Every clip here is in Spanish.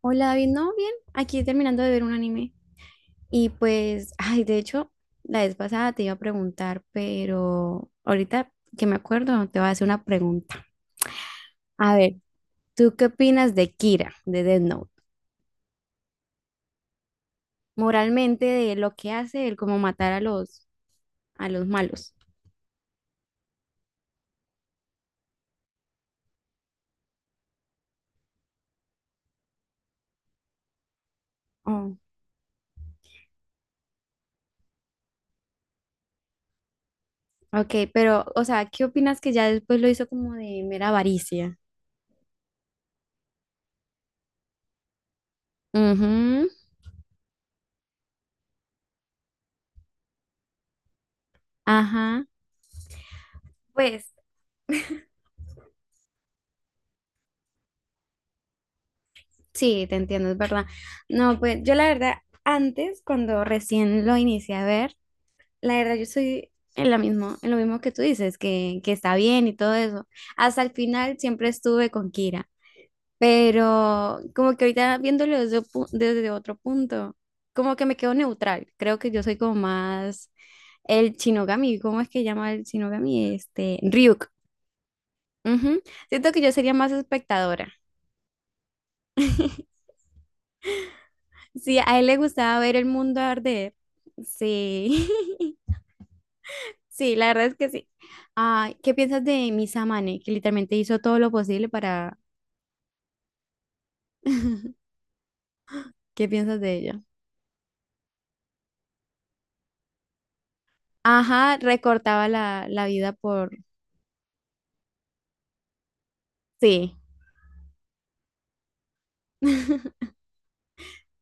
Hola David, ¿no? Bien, aquí terminando de ver un anime. Y pues, ay, de hecho, la vez pasada te iba a preguntar, pero ahorita que me acuerdo, te voy a hacer una pregunta. A ver, ¿tú qué opinas de Kira, de Death Note? Moralmente, de lo que hace él, como matar a los malos. Oh, ok, pero, o sea, ¿qué opinas que ya después lo hizo como de mera avaricia? Ujú, ajá. Pues sí, te entiendo, es verdad. No, pues yo la verdad, antes, cuando recién lo inicié a ver, la verdad yo soy en lo mismo que tú dices, que está bien y todo eso. Hasta el final siempre estuve con Kira, pero como que ahorita viéndolo desde otro punto, como que me quedo neutral. Creo que yo soy como más el Shinogami, ¿cómo es que llama el Shinogami? Este, Ryuk. Ujú. Siento que yo sería más espectadora. Sí, a él le gustaba ver el mundo arder. Sí, sí, la verdad es que sí. Ah, ¿qué piensas de Samane, que literalmente hizo todo lo posible para... ¿Qué piensas de ella? Ajá, recortaba la vida por... Sí,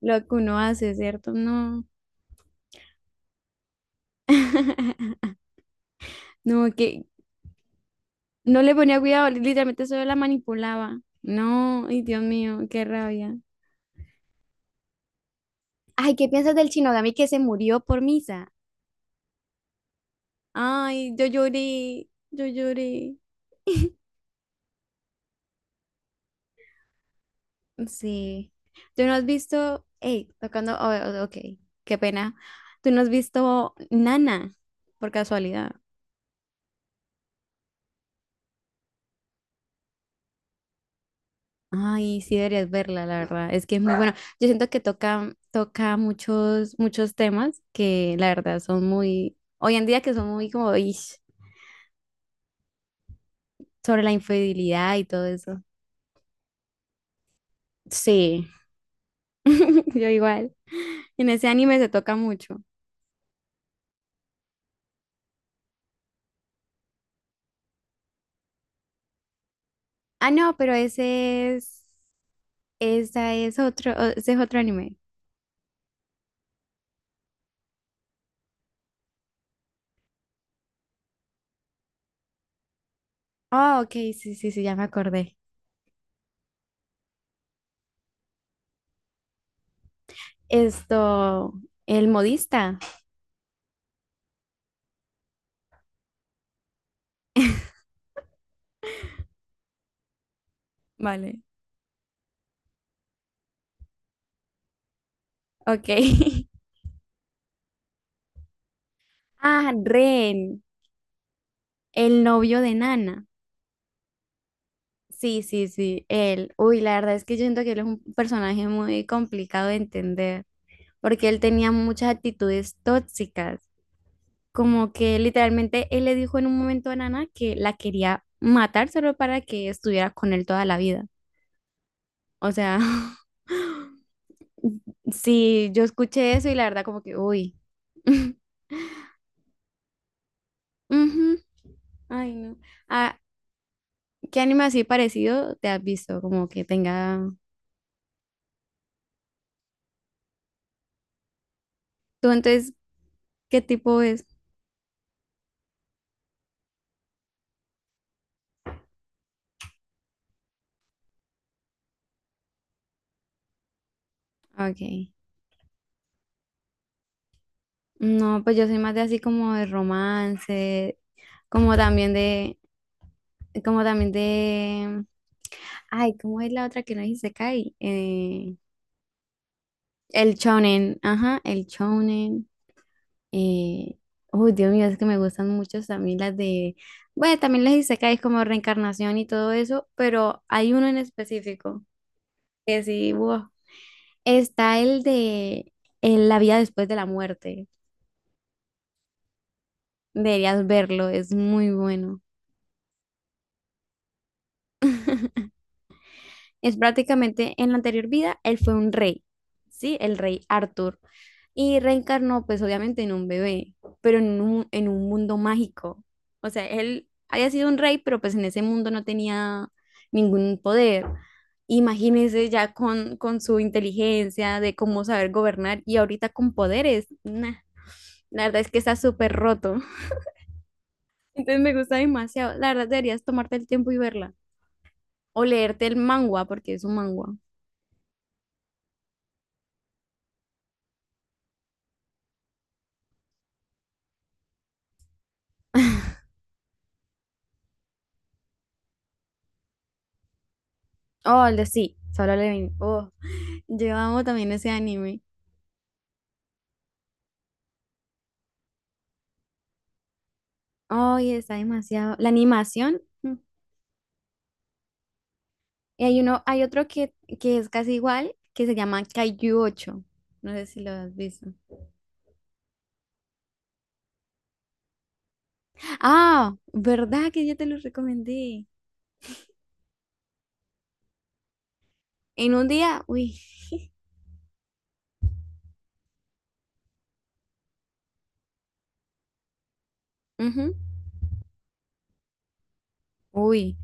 lo que uno hace, ¿cierto? No. No, que no le ponía cuidado, literalmente solo la manipulaba. No, ay, Dios mío, qué rabia. Ay, ¿qué piensas del Shinogami que se murió por Misa? Ay, yo lloré, yo lloré. Sí. ¿Tú no has visto, hey, tocando, oh, oh, ok, qué pena. ¿Tú no has visto Nana por casualidad? Ay, sí deberías verla, la verdad. Es que es muy bueno. Yo siento que toca muchos, muchos temas que la verdad son muy, hoy en día que son muy como ish, sobre la infidelidad y todo eso. Sí, yo igual. En ese anime se toca mucho. Ah, no, pero ese es otro anime. Ah, ok, sí, sí, sí, ya me acordé. Esto, el modista. Vale. Ok. Ah, Ren, el novio de Nana. Sí, sí, sí, él. Uy, la verdad es que yo siento que él es un personaje muy complicado de entender, porque él tenía muchas actitudes tóxicas. Como que literalmente él le dijo en un momento a Nana que la quería matar solo para que estuviera con él toda la vida. O sea, sí, yo escuché eso y la verdad como que, uy. Ujú. Ay, no. Ah, ¿qué anime así parecido te has visto? Como que tenga... ¿Tú entonces qué tipo es? Ah, ok. No, pues yo soy más de así como de romance, como también de... Como también de... Ay, ¿cómo es la otra que no dice Kai? El shonen. Ajá, el shonen. Eh... Uy, Dios mío, es que me gustan mucho también las de... Bueno, también les dice Kai como reencarnación y todo eso, pero hay uno en específico que sí, wow, está el de La vida después de la muerte. Deberías verlo, es muy bueno. Es prácticamente en la anterior vida, él fue un rey, ¿sí? El rey Arthur. Y reencarnó, pues obviamente, en un bebé, pero en un mundo mágico. O sea, él había sido un rey, pero pues en ese mundo no tenía ningún poder. Imagínense ya con su inteligencia de cómo saber gobernar y ahorita con poderes. Nah, la verdad es que está súper roto. Entonces me gusta demasiado. La verdad, deberías tomarte el tiempo y verla. O leerte el manga porque es un manga. Oh, el de sí, Solo Levin. Oh, yo amo también ese anime. Ay, está demasiado. La animación. Mm. Y hay uno, hay otro que es casi igual, que se llama Kaiju 8. No sé si lo has visto. Ah, ¿verdad que yo te lo recomendé? En un día, uy. Ujú, uy.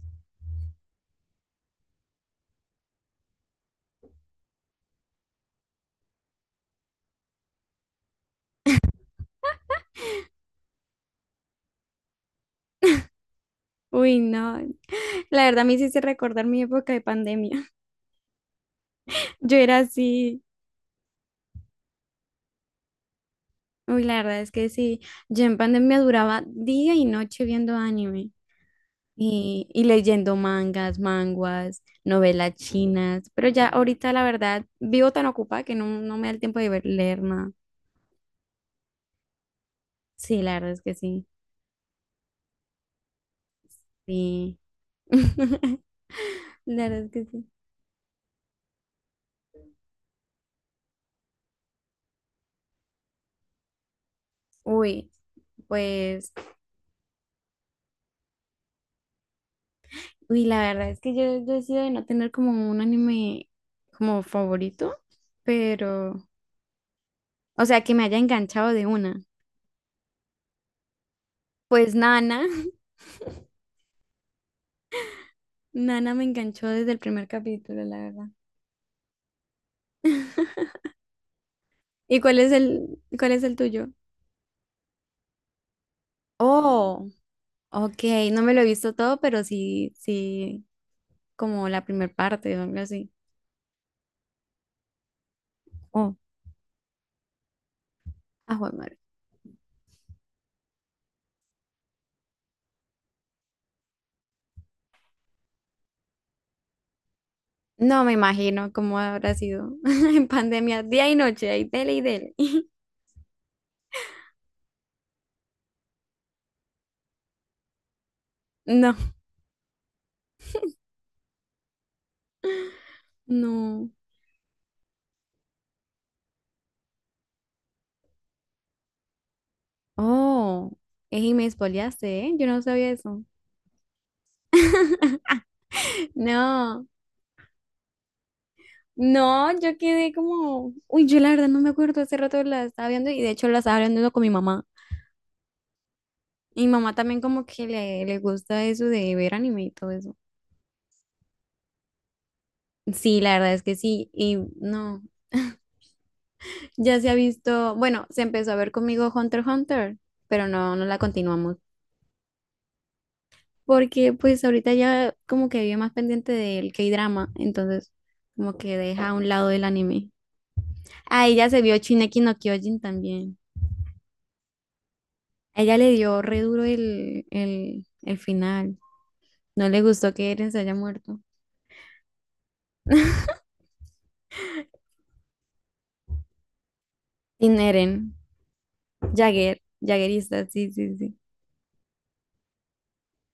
Uy, no. La verdad me hiciste recordar mi época de pandemia. Yo era así. Uy, la verdad es que sí, yo en pandemia duraba día y noche viendo anime y leyendo mangas, manguas, novelas chinas, pero ya ahorita la verdad vivo tan ocupada que no, no me da el tiempo de leer nada. Sí, la verdad es que sí, sí. La verdad es que sí. Uy, pues, uy, la verdad es que yo he sido de no tener como un anime como favorito, pero, o sea, que me haya enganchado de una. Pues Nana. Nana me enganchó desde el primer capítulo, la verdad. ¿Y cuál es cuál es el tuyo? Oh, ok, no me lo he visto todo, pero sí, sí, como la primer parte o algo así. Oh, a Juan madre. No me imagino cómo habrá sido en pandemia, día y noche, ahí dele y dele. No. No. Oh, ey, y me spoileaste, ¿eh? Yo no sabía eso. No, no, yo quedé como, uy, yo la verdad no me acuerdo, hace rato la estaba viendo y de hecho la estaba viendo con mi mamá. Y mamá también como que le gusta eso de ver anime y todo eso. Sí, la verdad es que sí. Y no, ya se ha visto, bueno, se empezó a ver conmigo Hunter x Hunter, pero no, no la continuamos. Porque pues ahorita ya como que vive más pendiente del K-drama, entonces como que deja a un lado el anime. A ella se vio Shingeki no Kyojin también. A ella le dio re duro el final. No le gustó que Eren se haya muerto. Sin Eren, Jaggerista, sí, sí, sí.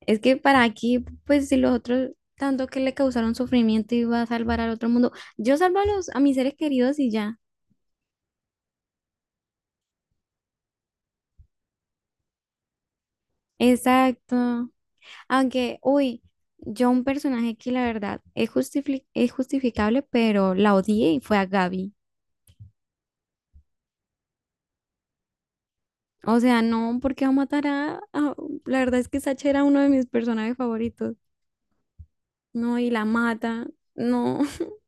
Es que para aquí, pues si los otros tanto que le causaron sufrimiento iba a salvar al otro mundo, yo salvo a mis seres queridos y ya. Exacto. Aunque, uy, yo un personaje que la verdad es es justificable, pero la odié y fue a Gaby. O sea, no, porque va a matar La verdad es que Sacha era uno de mis personajes favoritos. No, y la mata. No,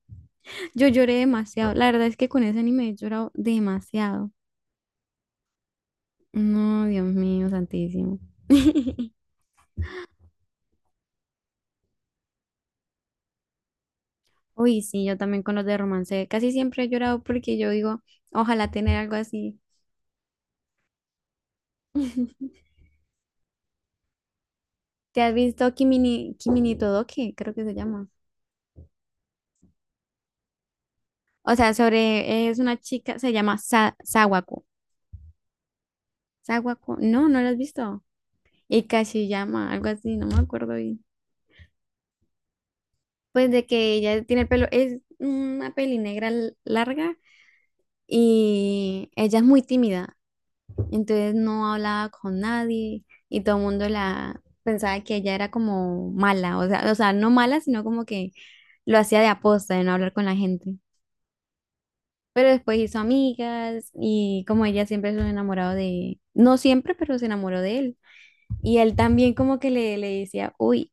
yo lloré demasiado. La verdad es que con ese anime he llorado demasiado. No, Dios mío, santísimo. Uy, sí, yo también con los de romance. Casi siempre he llorado porque yo digo, ojalá tener algo así. ¿Te has visto Kimini Todoke? Creo que se llama. O sea, sobre, es una chica, se llama Sawako. Sawako, no, no la has visto. Y llama algo así, no me acuerdo bien. Pues de que ella tiene el pelo, es una peli negra larga y ella es muy tímida. Entonces no hablaba con nadie y todo el mundo la pensaba que ella era como mala, o sea, no mala, sino como que lo hacía de aposta, de no hablar con la gente. Pero después hizo amigas y como ella siempre se enamoró de, no siempre, pero se enamoró de él. Y él también como que le decía, uy,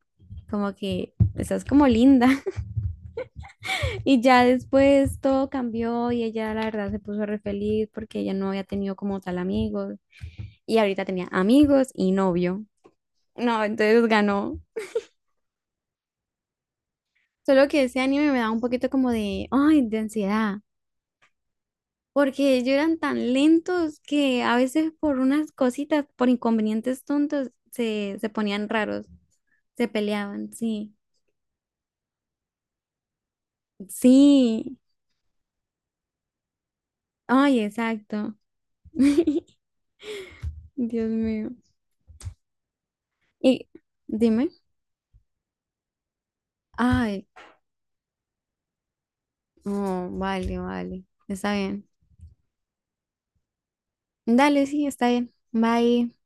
como que estás como linda. Y ya después todo cambió y ella la verdad se puso re feliz porque ella no había tenido como tal amigos. Y ahorita tenía amigos y novio. No, entonces ganó. Solo que ese anime me da un poquito como de, ay, de ansiedad, porque ellos eran tan lentos que a veces por unas cositas, por inconvenientes tontos, se ponían raros, se peleaban, sí, sí, ay, exacto. Dios mío. Y dime, ay, oh, vale, vale, está bien. Dale, sí, está bien. Bye.